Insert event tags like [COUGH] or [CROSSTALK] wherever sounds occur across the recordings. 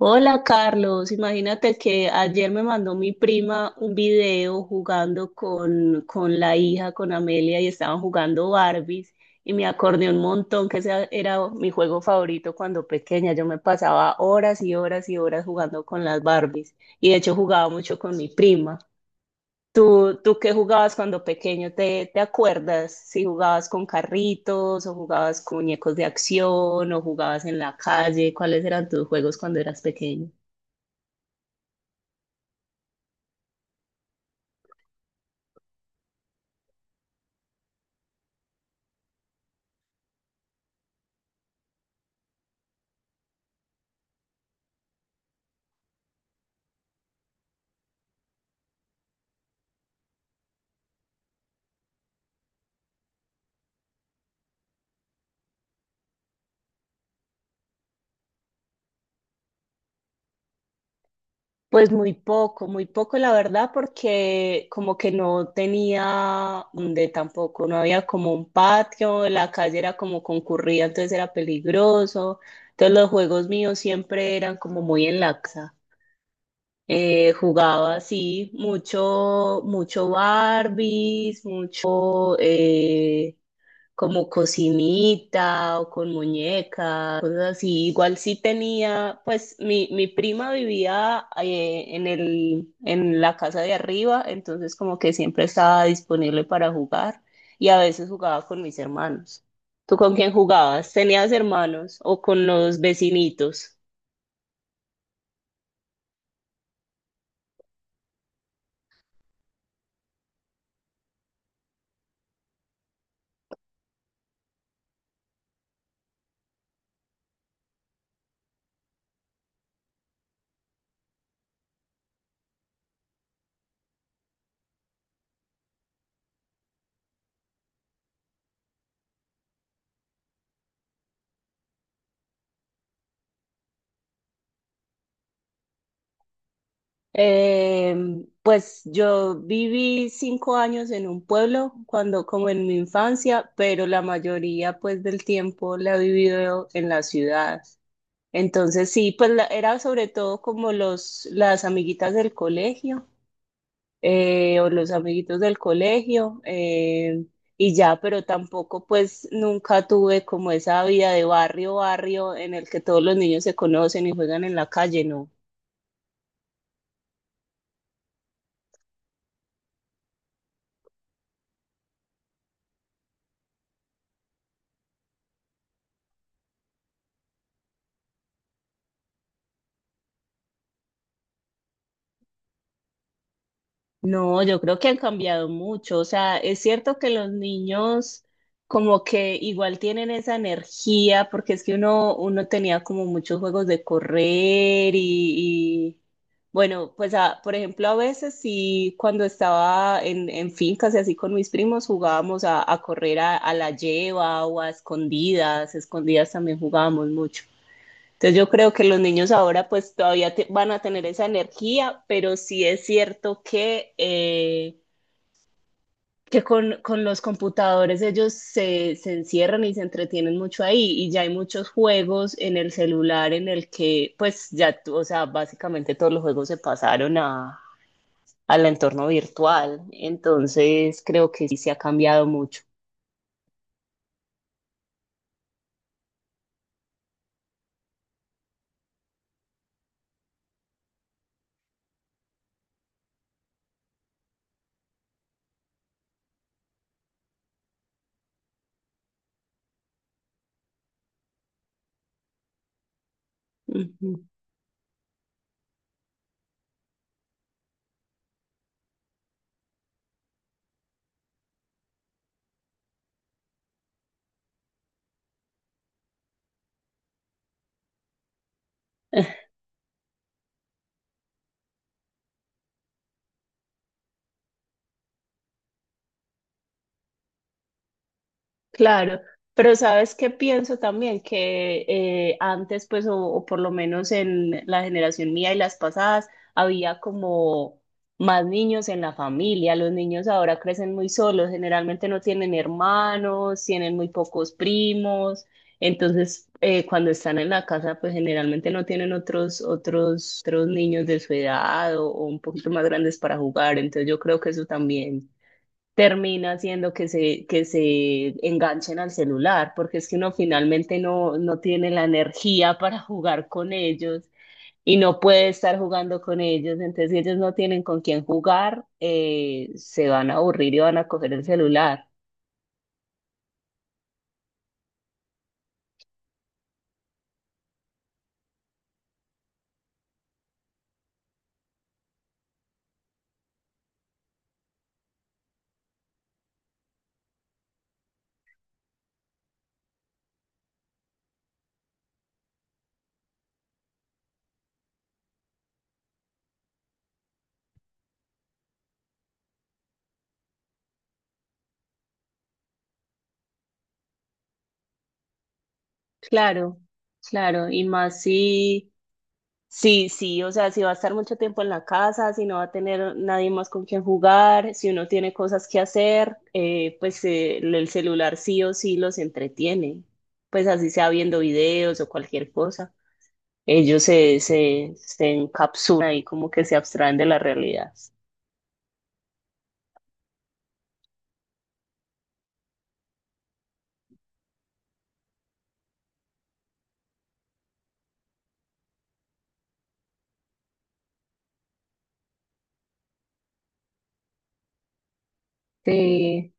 Hola Carlos, imagínate que ayer me mandó mi prima un video jugando con la hija, con Amelia, y estaban jugando Barbies, y me acordé un montón que ese era mi juego favorito cuando pequeña. Yo me pasaba horas y horas y horas jugando con las Barbies, y de hecho jugaba mucho con mi prima. ¿Tú qué jugabas cuando pequeño? ¿Te acuerdas? Si jugabas con carritos, o jugabas con muñecos de acción, o jugabas en la calle, ¿cuáles eran tus juegos cuando eras pequeño? Pues muy poco la verdad, porque como que no tenía donde tampoco, no había como un patio, la calle era como concurrida, entonces era peligroso. Entonces los juegos míos siempre eran como muy en la casa. Jugaba así, mucho, mucho Barbies, mucho, como cocinita o con muñecas, cosas así. Igual sí tenía, pues mi prima vivía en en la casa de arriba, entonces como que siempre estaba disponible para jugar y a veces jugaba con mis hermanos. ¿Tú con quién jugabas? ¿Tenías hermanos o con los vecinitos? Pues yo viví 5 años en un pueblo cuando como en mi infancia, pero la mayoría pues del tiempo la he vivido en la ciudad. Entonces sí, pues era sobre todo como los las amiguitas del colegio o los amiguitos del colegio y ya, pero tampoco pues nunca tuve como esa vida de barrio, barrio en el que todos los niños se conocen y juegan en la calle, no. No, yo creo que han cambiado mucho. O sea, es cierto que los niños como que igual tienen esa energía, porque es que uno tenía como muchos juegos de correr bueno, pues por ejemplo, a veces sí, cuando estaba en fincas y así con mis primos jugábamos a correr a la lleva o a escondidas, escondidas también jugábamos mucho. Entonces yo creo que los niños ahora pues todavía van a tener esa energía, pero sí es cierto que con los computadores ellos se encierran y se entretienen mucho ahí y ya hay muchos juegos en el celular en el que pues ya, o sea, básicamente todos los juegos se pasaron a, al entorno virtual. Entonces creo que sí se ha cambiado mucho. Claro, pero sabes qué pienso también que antes, pues, o por lo menos en la generación mía y las pasadas, había como más niños en la familia. Los niños ahora crecen muy solos, generalmente no tienen hermanos, tienen muy pocos primos. Entonces, cuando están en la casa, pues generalmente no tienen otros niños de su edad o un poquito más grandes para jugar. Entonces, yo creo que eso también termina haciendo que que se enganchen al celular, porque es que uno finalmente no tiene la energía para jugar con ellos y no puede estar jugando con ellos, entonces si ellos no tienen con quién jugar, se van a aburrir y van a coger el celular. Claro, claro, y más si... Sí, sí, o sea, si va a estar mucho tiempo en la casa, si no va a tener nadie más con quien jugar, si uno tiene cosas que hacer, pues el celular sí o sí los entretiene, pues así sea viendo videos o cualquier cosa. Ellos se encapsulan y como que se abstraen de la realidad. Sí.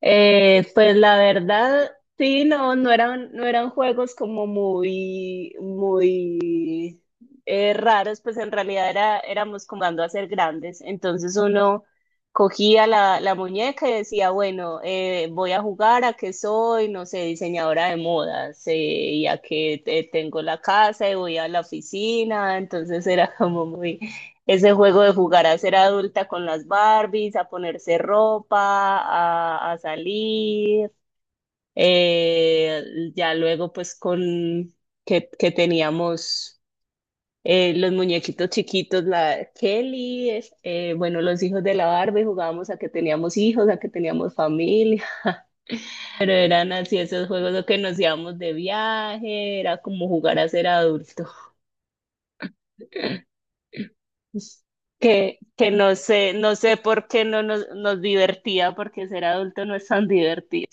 Pues la verdad, sí, no eran, no eran juegos como muy, muy raros, pues en realidad era, éramos comando a ser grandes. Entonces uno cogía la muñeca y decía, bueno, voy a jugar a que soy, no sé, diseñadora de modas, y a que tengo la casa y voy a la oficina. Entonces era como muy ese juego de jugar a ser adulta con las Barbies, a ponerse ropa, a salir, eh, ya luego pues con que teníamos los muñequitos chiquitos, la Kelly, bueno, los hijos de la Barbie, jugábamos a que teníamos hijos, a que teníamos familia, [LAUGHS] pero eran así esos juegos los que nos íbamos de viaje, era como jugar a ser adulto. [LAUGHS] Que no sé, no sé por qué no nos, nos divertía, porque ser adulto no es tan divertido.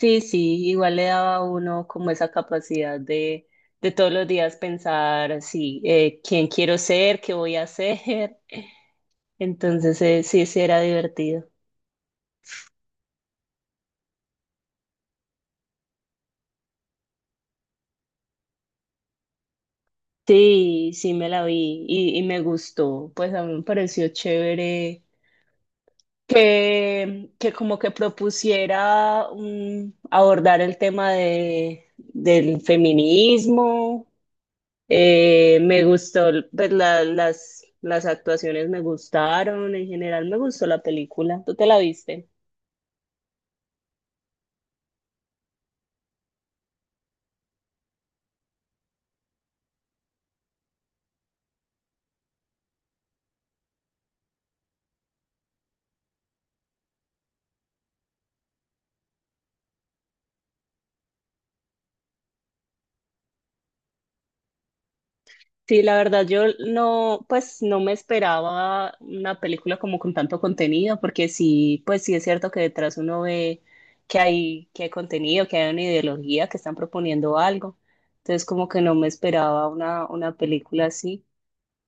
Sí, sí, igual le daba a uno como esa capacidad de todos los días pensar, sí, quién quiero ser, qué voy a hacer. [LAUGHS] Entonces, sí, sí era divertido. Sí, sí me la vi y me gustó. Pues a mí me pareció chévere que como que propusiera abordar el tema de, del feminismo. Me gustó, pues las actuaciones me gustaron, en general me gustó la película. ¿Tú te la viste? Sí, la verdad, yo no, pues no me esperaba una película como con tanto contenido, porque sí, pues sí es cierto que detrás uno ve que hay contenido, que hay una ideología, que están proponiendo algo. Entonces, como que no me esperaba una película así.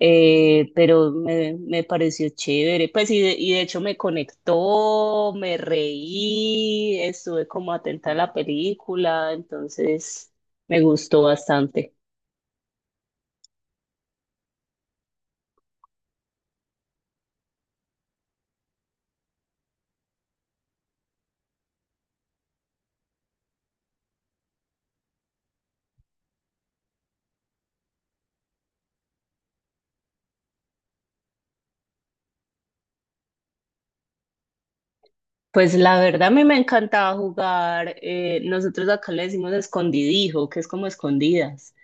Pero me pareció chévere. Pues y de hecho me conectó, me reí, estuve como atenta a la película, entonces me gustó bastante. Pues la verdad a mí me encantaba jugar, nosotros acá le decimos escondidijo, que es como escondidas.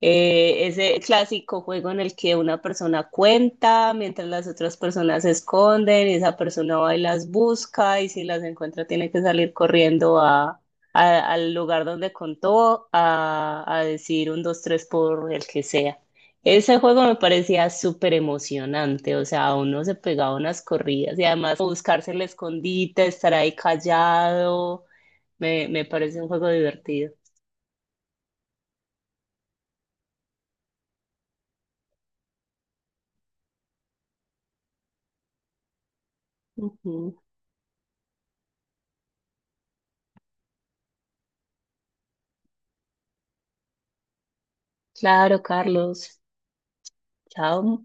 Ese clásico juego en el que una persona cuenta mientras las otras personas se esconden y esa persona va y las busca y si las encuentra tiene que salir corriendo a, al lugar donde contó a decir un, dos, tres por el que sea. Ese juego me parecía súper emocionante, o sea, uno se pegaba unas corridas y además buscarse el escondite, estar ahí callado, me parece un juego divertido. Ujú. Claro, Carlos. Chao.